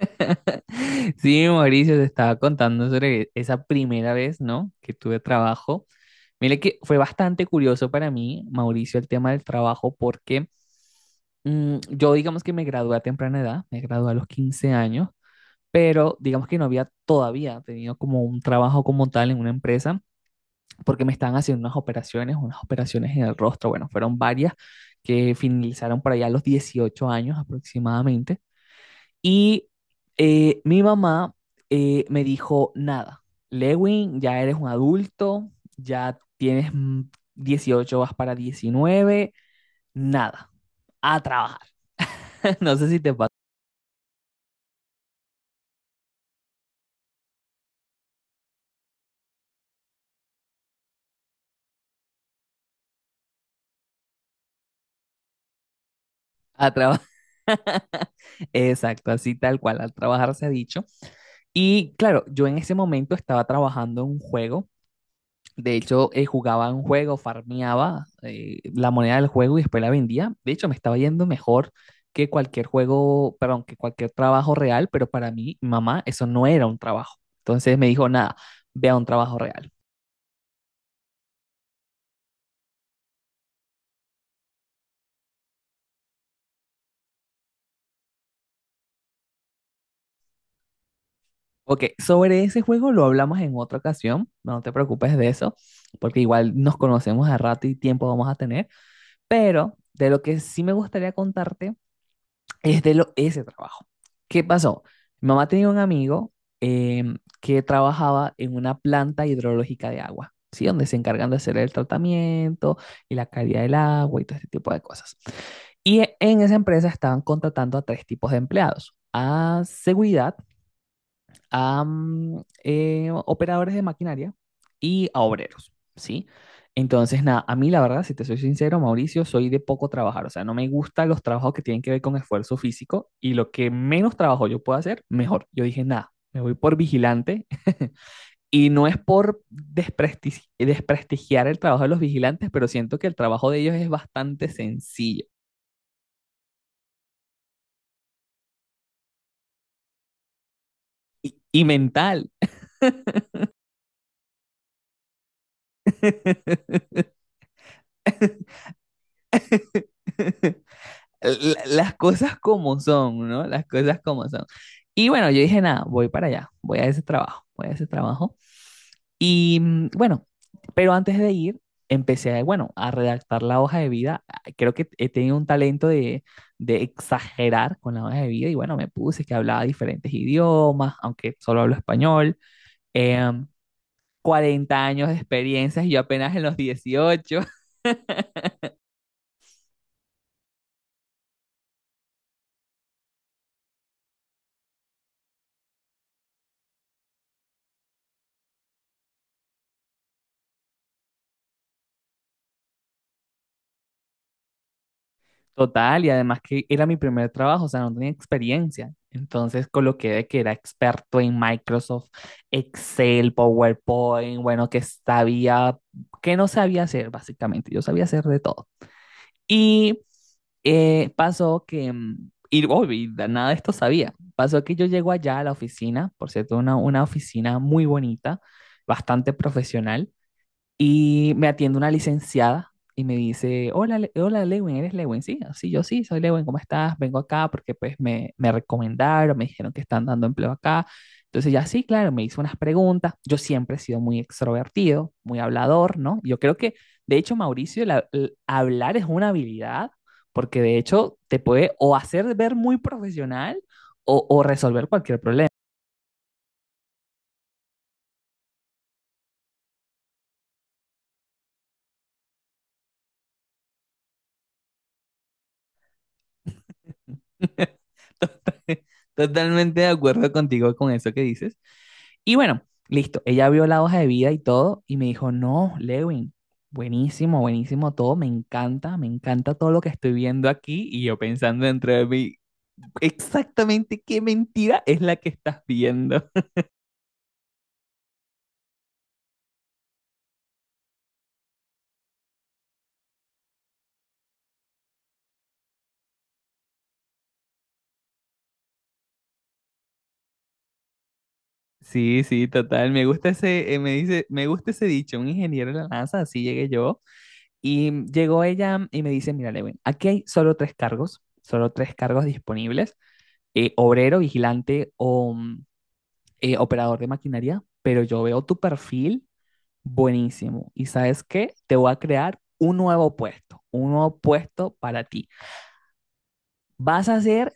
Sí, Mauricio, te estaba contando sobre esa primera vez, ¿no? Que tuve trabajo. Mire que fue bastante curioso para mí, Mauricio, el tema del trabajo, porque yo digamos que me gradué a temprana edad, me gradué a los 15 años, pero digamos que no había todavía tenido como un trabajo como tal en una empresa, porque me estaban haciendo unas operaciones en el rostro, bueno, fueron varias que finalizaron por allá a los 18 años aproximadamente. Y mi mamá me dijo, nada, Lewin, ya eres un adulto, ya tienes 18, vas para 19 nada, a trabajar. No sé si te pasa. A trabajar. Exacto, así tal cual, al trabajar se ha dicho. Y claro, yo en ese momento estaba trabajando en un juego. De hecho, jugaba un juego, farmeaba la moneda del juego y después la vendía. De hecho, me estaba yendo mejor que cualquier juego, perdón, que cualquier trabajo real, pero para mí, mamá, eso no era un trabajo. Entonces me dijo, nada, vea un trabajo real. Ok, sobre ese juego lo hablamos en otra ocasión, no te preocupes de eso, porque igual nos conocemos a rato y tiempo vamos a tener, pero de lo que sí me gustaría contarte es de ese trabajo. ¿Qué pasó? Mi mamá tenía un amigo eh, que trabajaba en una planta hidrológica de agua, ¿sí? Donde se encargan de hacer el tratamiento y la calidad del agua y todo este tipo de cosas. Y en esa empresa estaban contratando a tres tipos de empleados. A seguridad, a operadores de maquinaria y a obreros, ¿sí? Entonces, nada, a mí la verdad, si te soy sincero, Mauricio, soy de poco trabajar, o sea, no me gustan los trabajos que tienen que ver con esfuerzo físico y lo que menos trabajo yo pueda hacer, mejor. Yo dije, nada, me voy por vigilante. Y no es por desprestigiar el trabajo de los vigilantes, pero siento que el trabajo de ellos es bastante sencillo y mental. Las cosas como son, ¿no? Las cosas como son. Y bueno, yo dije, nada, voy para allá, voy a ese trabajo, voy a ese trabajo. Y bueno, pero antes de ir, empecé, bueno, a redactar la hoja de vida. Ah, creo que he tenido un talento de exagerar con la hoja de vida y bueno, me puse que hablaba diferentes idiomas, aunque solo hablo español. Em, 40 años de experiencias y yo apenas en los 18. Total, y además que era mi primer trabajo, o sea, no tenía experiencia. Entonces coloqué de que era experto en Microsoft, Excel, PowerPoint, bueno, que sabía, que no sabía hacer, básicamente. Yo sabía hacer de todo. Y pasó que, y oh, nada de esto sabía. Pasó que yo llego allá a la oficina, por cierto, una oficina muy bonita, bastante profesional. Y me atiende una licenciada y me dice, hola Lewin, ¿eres Lewin? Sí, sí, yo sí, soy Lewin, ¿cómo estás? Vengo acá porque pues me recomendaron, me dijeron que están dando empleo acá. Entonces ya sí, claro, me hizo unas preguntas. Yo siempre he sido muy extrovertido, muy hablador, ¿no? Yo creo que, de hecho, Mauricio, el hablar es una habilidad porque de hecho te puede o hacer ver muy profesional o resolver cualquier problema. Total- Totalmente de acuerdo contigo con eso que dices. Y bueno, listo, ella vio la hoja de vida y todo y me dijo, no, Lewin, buenísimo, buenísimo todo, me encanta todo lo que estoy viendo aquí y yo pensando dentro de mí, exactamente qué mentira es la que estás viendo. Sí, sí, total, me gusta ese, me dice, me gusta ese dicho, un ingeniero de la NASA, así llegué yo. Y llegó ella y me dice, mira, Lewin, aquí hay solo tres cargos disponibles. Obrero, vigilante o operador de maquinaria, pero yo veo tu perfil buenísimo. ¿Y sabes qué? Te voy a crear un nuevo puesto para ti. Vas a ser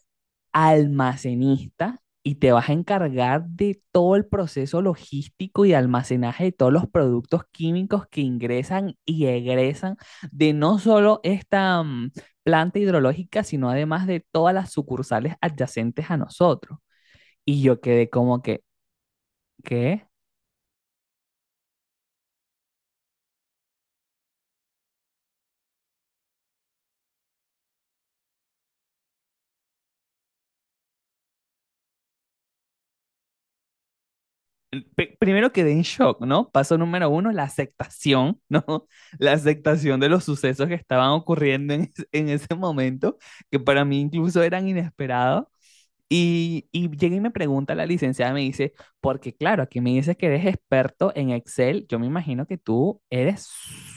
almacenista y te vas a encargar de todo el proceso logístico y almacenaje de todos los productos químicos que ingresan y egresan de no solo esta planta hidrológica, sino además de todas las sucursales adyacentes a nosotros. Y yo quedé como que, ¿qué? Primero quedé en shock, ¿no? Paso número uno, la aceptación, ¿no? La aceptación de los sucesos que estaban ocurriendo en ese momento, que para mí incluso eran inesperados. Y llega y me pregunta la licenciada, me dice, porque claro, aquí me dice que eres experto en Excel, yo me imagino que tú eres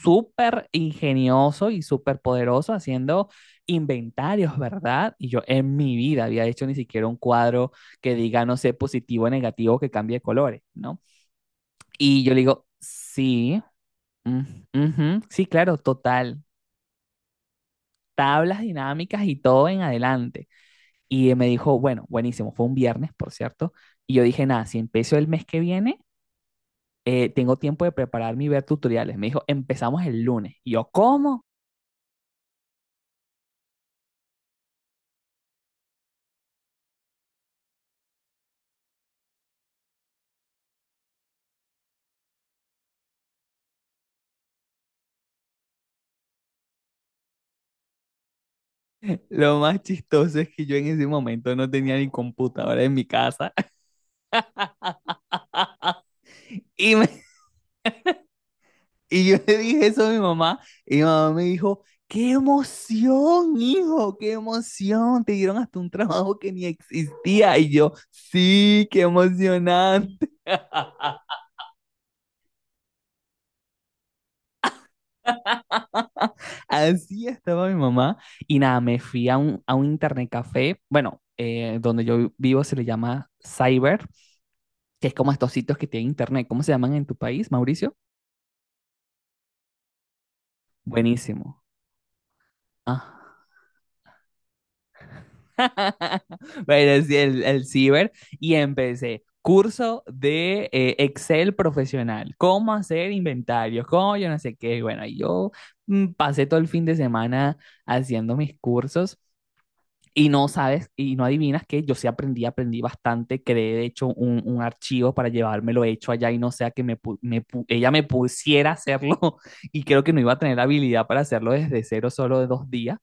súper ingenioso y súper poderoso haciendo inventarios, ¿verdad? Y yo en mi vida había hecho ni siquiera un cuadro que diga, no sé, positivo o negativo, que cambie de colores, ¿no? Y yo le digo, sí, mm, ujú, sí, claro, total, tablas dinámicas y todo en adelante. Y me dijo, bueno, buenísimo, fue un viernes, por cierto. Y yo dije, nada, si empiezo el mes que viene, tengo tiempo de prepararme y ver tutoriales. Me dijo, empezamos el lunes. Y yo, ¿cómo? Lo más chistoso es que yo en ese momento no tenía ni computadora en mi casa. Y, me- y yo le dije eso a mi mamá. Y mi mamá me dijo, ¡qué emoción, hijo! ¡Qué emoción! Te dieron hasta un trabajo que ni existía. Y yo, sí, qué emocionante. Así estaba mi mamá. Y nada, me fui a un, internet café. Bueno, donde yo vivo se le llama Cyber, que es como estos sitios que tienen internet. ¿Cómo se llaman en tu país, Mauricio? Buenísimo. Ah. Bueno, sí, el Cyber. Y empecé. Curso de Excel profesional, cómo hacer inventarios, cómo yo no sé qué. Bueno, y yo pasé todo el fin de semana haciendo mis cursos. Y no sabes, y no adivinas que yo sí aprendí, aprendí bastante, creé de hecho un archivo para llevármelo hecho allá y no sea que ella me pusiera a hacerlo. Y creo que no iba a tener la habilidad para hacerlo desde cero, solo de 2 días.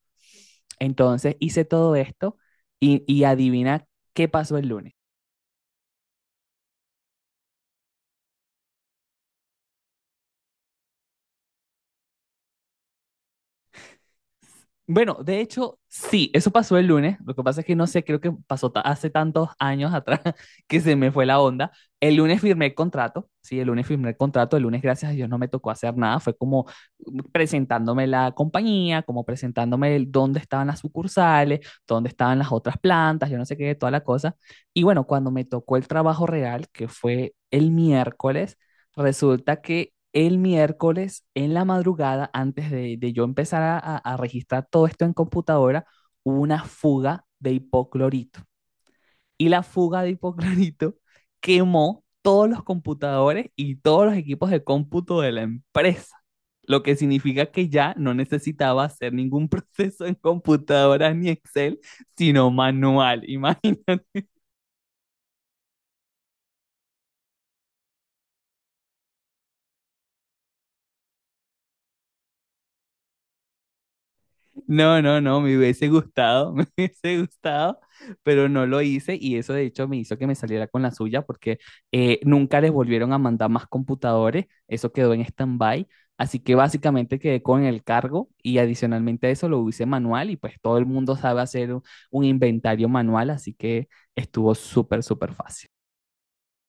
Entonces hice todo esto y adivina qué pasó el lunes. Bueno, de hecho, sí, eso pasó el lunes. Lo que pasa es que no sé, creo que pasó hace tantos años atrás que se me fue la onda. El lunes firmé el contrato, sí, el lunes firmé el contrato. El lunes, gracias a Dios, no me tocó hacer nada. Fue como presentándome la compañía, como presentándome dónde estaban las sucursales, dónde estaban las otras plantas, yo no sé qué, toda la cosa. Y bueno, cuando me tocó el trabajo real, que fue el miércoles, resulta que el miércoles en la madrugada, antes de, yo empezar a registrar todo esto en computadora, hubo una fuga de hipoclorito. Y la fuga de hipoclorito quemó todos los computadores y todos los equipos de cómputo de la empresa. Lo que significa que ya no necesitaba hacer ningún proceso en computadora ni Excel, sino manual. Imagínate. No, no, no, me hubiese gustado, me hubiese gustado, pero no lo hice y eso de hecho me hizo que me saliera con la suya porque nunca les volvieron a mandar más computadores, eso quedó en stand-by, así que básicamente quedé con el cargo y adicionalmente a eso lo hice manual y pues todo el mundo sabe hacer un inventario manual, así que estuvo súper, súper fácil.